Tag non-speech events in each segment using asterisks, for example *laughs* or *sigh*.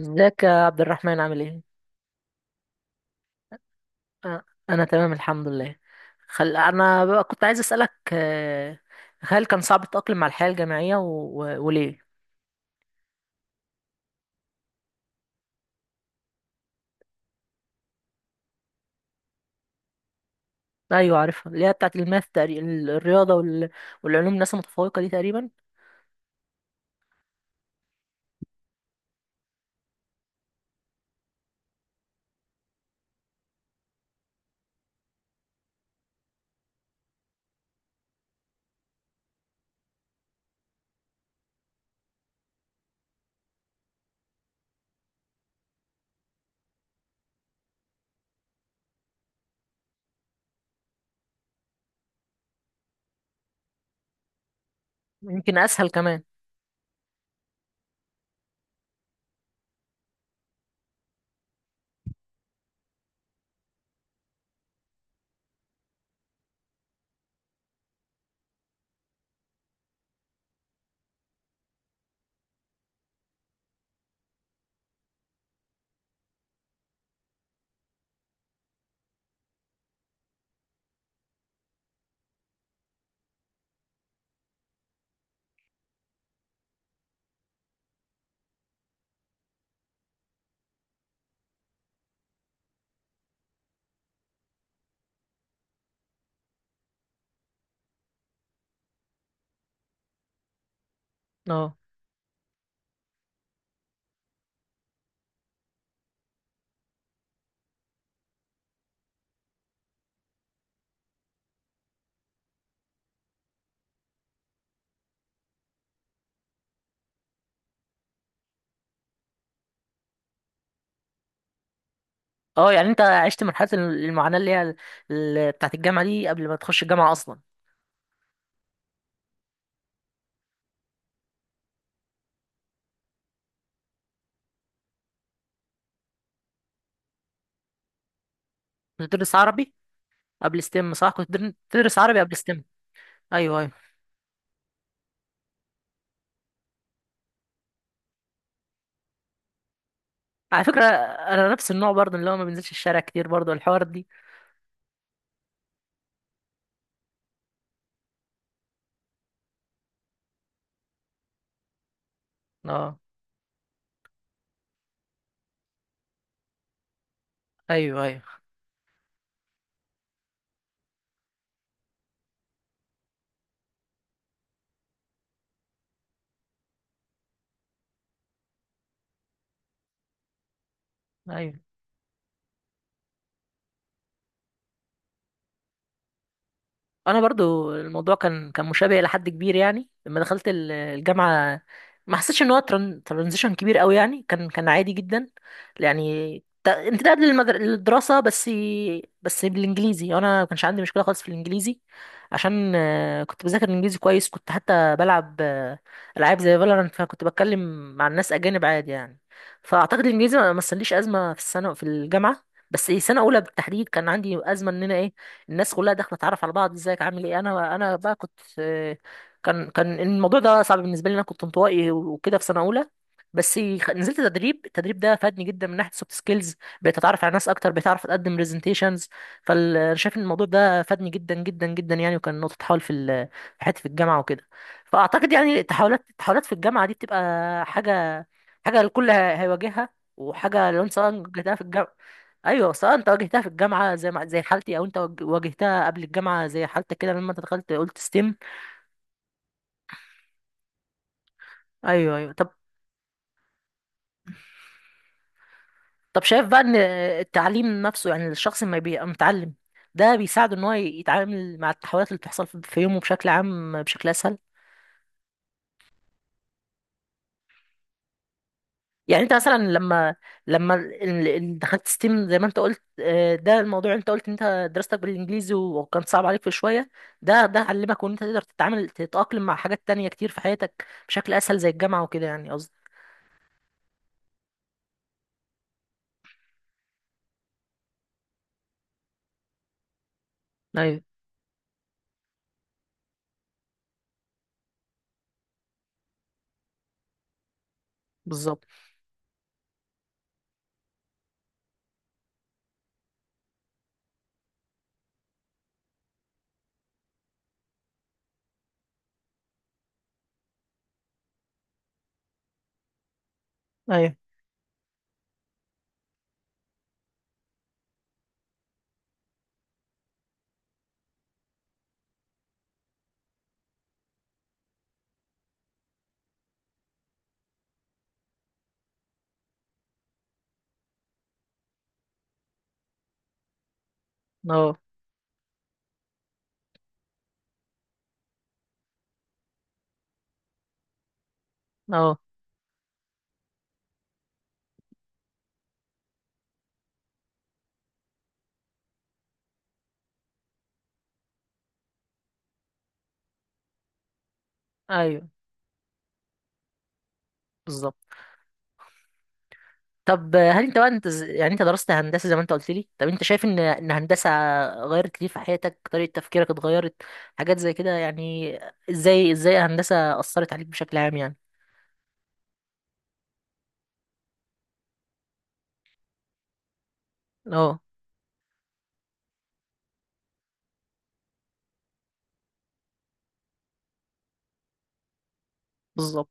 ازيك يا عبد الرحمن، عامل ايه؟ آه، انا تمام الحمد لله. انا بقى كنت عايز اسالك، هل كان صعب التاقلم مع الحياه الجامعيه وليه؟ ايوه عارفها، اللي هي بتاعت الماث تقريبا، الرياضه والعلوم، الناس المتفوقه دي تقريبا. يمكن اسهل كمان. اه، اه، يعني انت عشت مرحله المعاناه اللي هي بتاعت الجامعه دي قبل ما تخش الجامعه اصلا. كنت بتدرس عربي قبل ستيم، صح؟ كنت بتدرس عربي قبل ستيم. ايوه، ايوه. على فكره انا نفس النوع برضه، اللي هو ما بنزلش الشارع كتير، برضه الحوار دي. اه، ايوه، ايوه، ايوه. انا برضو الموضوع كان مشابه الى حد كبير، يعني لما دخلت الجامعه. ما حسيتش ان هو ترانزيشن كبير قوي، يعني كان عادي جدا. يعني امتداد للدراسه بس. بس بالانجليزي انا ما كانش عندي مشكله خالص في الانجليزي، عشان كنت بذاكر الانجليزي كويس، كنت حتى بلعب العاب زي فالورانت، فكنت بتكلم مع الناس اجانب عادي يعني. فاعتقد الانجليزي ما مثليش ازمه في السنه في الجامعه. بس سنه اولى بالتحديد كان عندي ازمه ان انا ايه. الناس كلها داخله تعرف على بعض، ازيك عامل ايه، انا بقى كنت كان الموضوع ده صعب بالنسبه لي، انا كنت انطوائي وكده في سنه اولى. بس نزلت تدريب، التدريب ده فادني جدا من ناحيه سوفت سكيلز. بقيت اتعرف على ناس اكتر، بقيت اعرف اقدم برزنتيشنز، فانا شايف ان الموضوع ده فادني جدا جدا جدا يعني، وكان نقطه تحول في حياتي في الجامعه وكده. فاعتقد يعني التحولات في الجامعه دي بتبقى حاجه حاجه الكل هيواجهها، وحاجه لو انت سواء واجهتها في الجامعه. ايوه، سواء انت واجهتها في الجامعه زي ما زي حالتي، او انت واجهتها قبل الجامعه زي حالتك كده، لما انت دخلت قلت ستيم. ايوه، ايوه، طب. طب شايف بقى ان التعليم نفسه، يعني الشخص ما بيبقى متعلم، ده بيساعده ان هو يتعامل مع التحولات اللي بتحصل في يومه بشكل عام بشكل اسهل؟ يعني انت مثلا لما دخلت ستيم زي ما انت قلت، ده الموضوع انت قلت ان انت دراستك بالانجليزي وكان صعب عليك في شويه، ده علمك ان انت تقدر تتعامل تتأقلم مع حاجات تانية كتير في حياتك بشكل اسهل زي الجامعه وكده، يعني قصدي. ايوه بالظبط، ايوه، اه، اه، ايوه بالظبط. طب هل انت بقى يعني انت درست هندسه زي ما انت قلت لي؟ طب انت شايف ان هندسه غيرت ليه في حياتك؟ طريقه تفكيرك اتغيرت، حاجات زي كده يعني، ازاي هندسه اثرت عليك بشكل عام يعني؟ اه، بالظبط.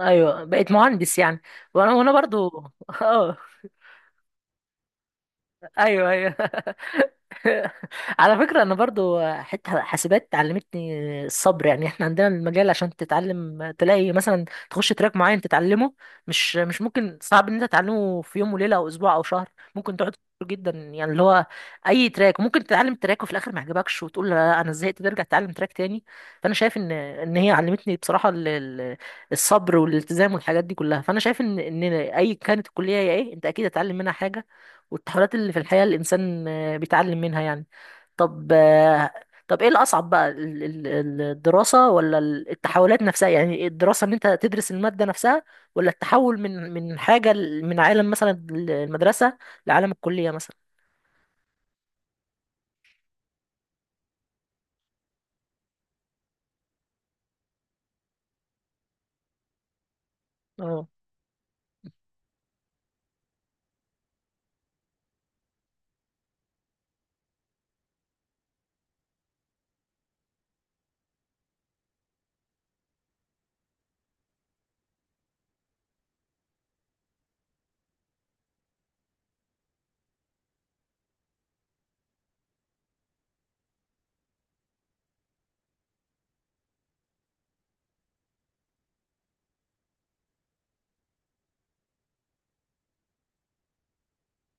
ايوه بقيت مهندس يعني، وانا برضو *laughs* اه، ايوه، ايوه *laughs* على فكره انا برضو حته حاسبات علمتني الصبر، يعني احنا عندنا المجال عشان تتعلم، تلاقي مثلا تخش تراك معين تتعلمه، مش ممكن، صعب ان انت تتعلمه في يوم وليله او اسبوع او شهر، ممكن تقعد كتير جدا يعني، اللي هو اي تراك ممكن تتعلم تراك وفي الاخر ما يعجبكش وتقول لا انا زهقت، ترجع تتعلم تراك تاني. فانا شايف ان هي علمتني بصراحه الصبر والالتزام والحاجات دي كلها. فانا شايف ان اي كانت الكليه هي ايه، انت اكيد هتتعلم منها حاجه، والتحولات اللي في الحياة الإنسان بيتعلم منها يعني. طب آه، طب إيه الأصعب بقى، الدراسة ولا التحولات نفسها؟ يعني إيه، الدراسة إن أنت تدرس المادة نفسها، ولا التحول من حاجة من عالم مثلا المدرسة لعالم الكلية مثلا؟ اه،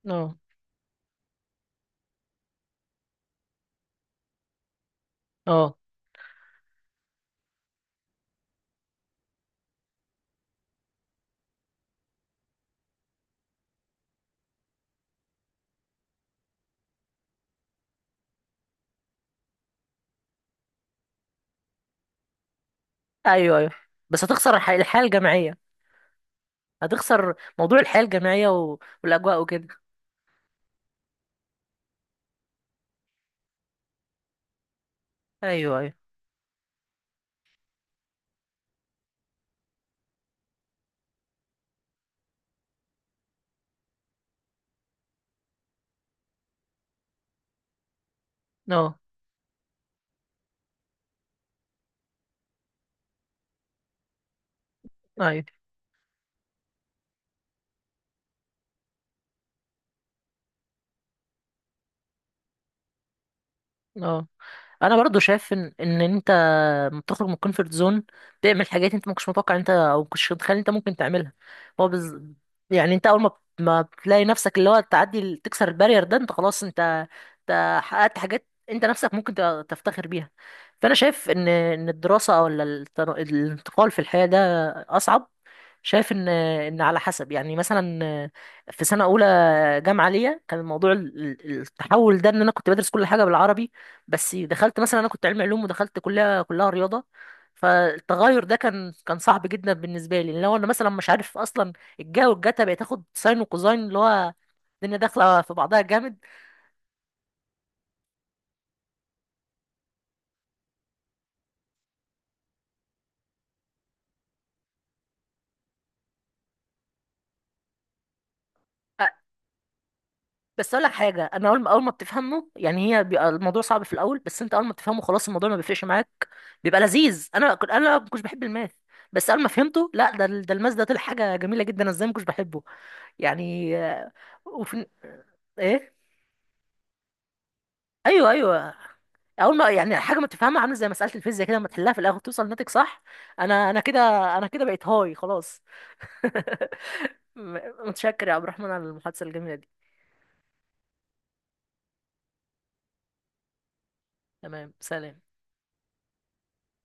اه، اه، أيوه، أيوه. بس هتخسر الحياة الجامعية، هتخسر موضوع الحياة الجامعية والأجواء وكده. أيوه، أيوه، اه، أيوه، اه. انا برضو شايف ان انت لما بتخرج من الكونفرت زون تعمل حاجات انت ما كنتش متوقع، انت او ما كنتش متخيل انت ممكن تعملها. هو بز... يعني انت اول ما بتلاقي نفسك اللي هو تعدي تكسر البارير ده، انت خلاص انت حققت حاجات انت نفسك ممكن تفتخر بيها. فانا شايف ان الدراسه ولا الانتقال في الحياه ده اصعب. شايف ان على حسب يعني، مثلا في سنه اولى جامعه ليا كان الموضوع التحول ده ان انا كنت بدرس كل حاجه بالعربي، بس دخلت مثلا، انا كنت علمي علوم ودخلت كلها رياضه، فالتغير ده كان صعب جدا بالنسبه لي. لو انا مثلا مش عارف اصلا الجا والجتا، بقيت اخد ساين وكوزاين، اللي هو الدنيا داخله في بعضها جامد. أ- بس اقول لك حاجه، انا اول ما بتفهمه يعني، هي بيبقى الموضوع صعب في الاول، بس انت اول ما بتفهمه خلاص الموضوع ما بيفرقش معاك، بيبقى لذيذ. انا ما كنتش بحب الماث، بس اول ما فهمته، لا ده ده الماث ده طلع حاجه جميله جدا، انا ازاي ما كنتش بحبه؟ يعني وفي ايه. ايوه، ايوه، اول ما يعني حاجه ما تفهمها عامله زي مساله الفيزياء كده، لما تحلها في الاخر توصل ناتج صح، انا كده، انا كده بقيت هاي خلاص. *laughs* متشكر يا عبد الرحمن على المحادثه الجميله دي. تمام، سلام.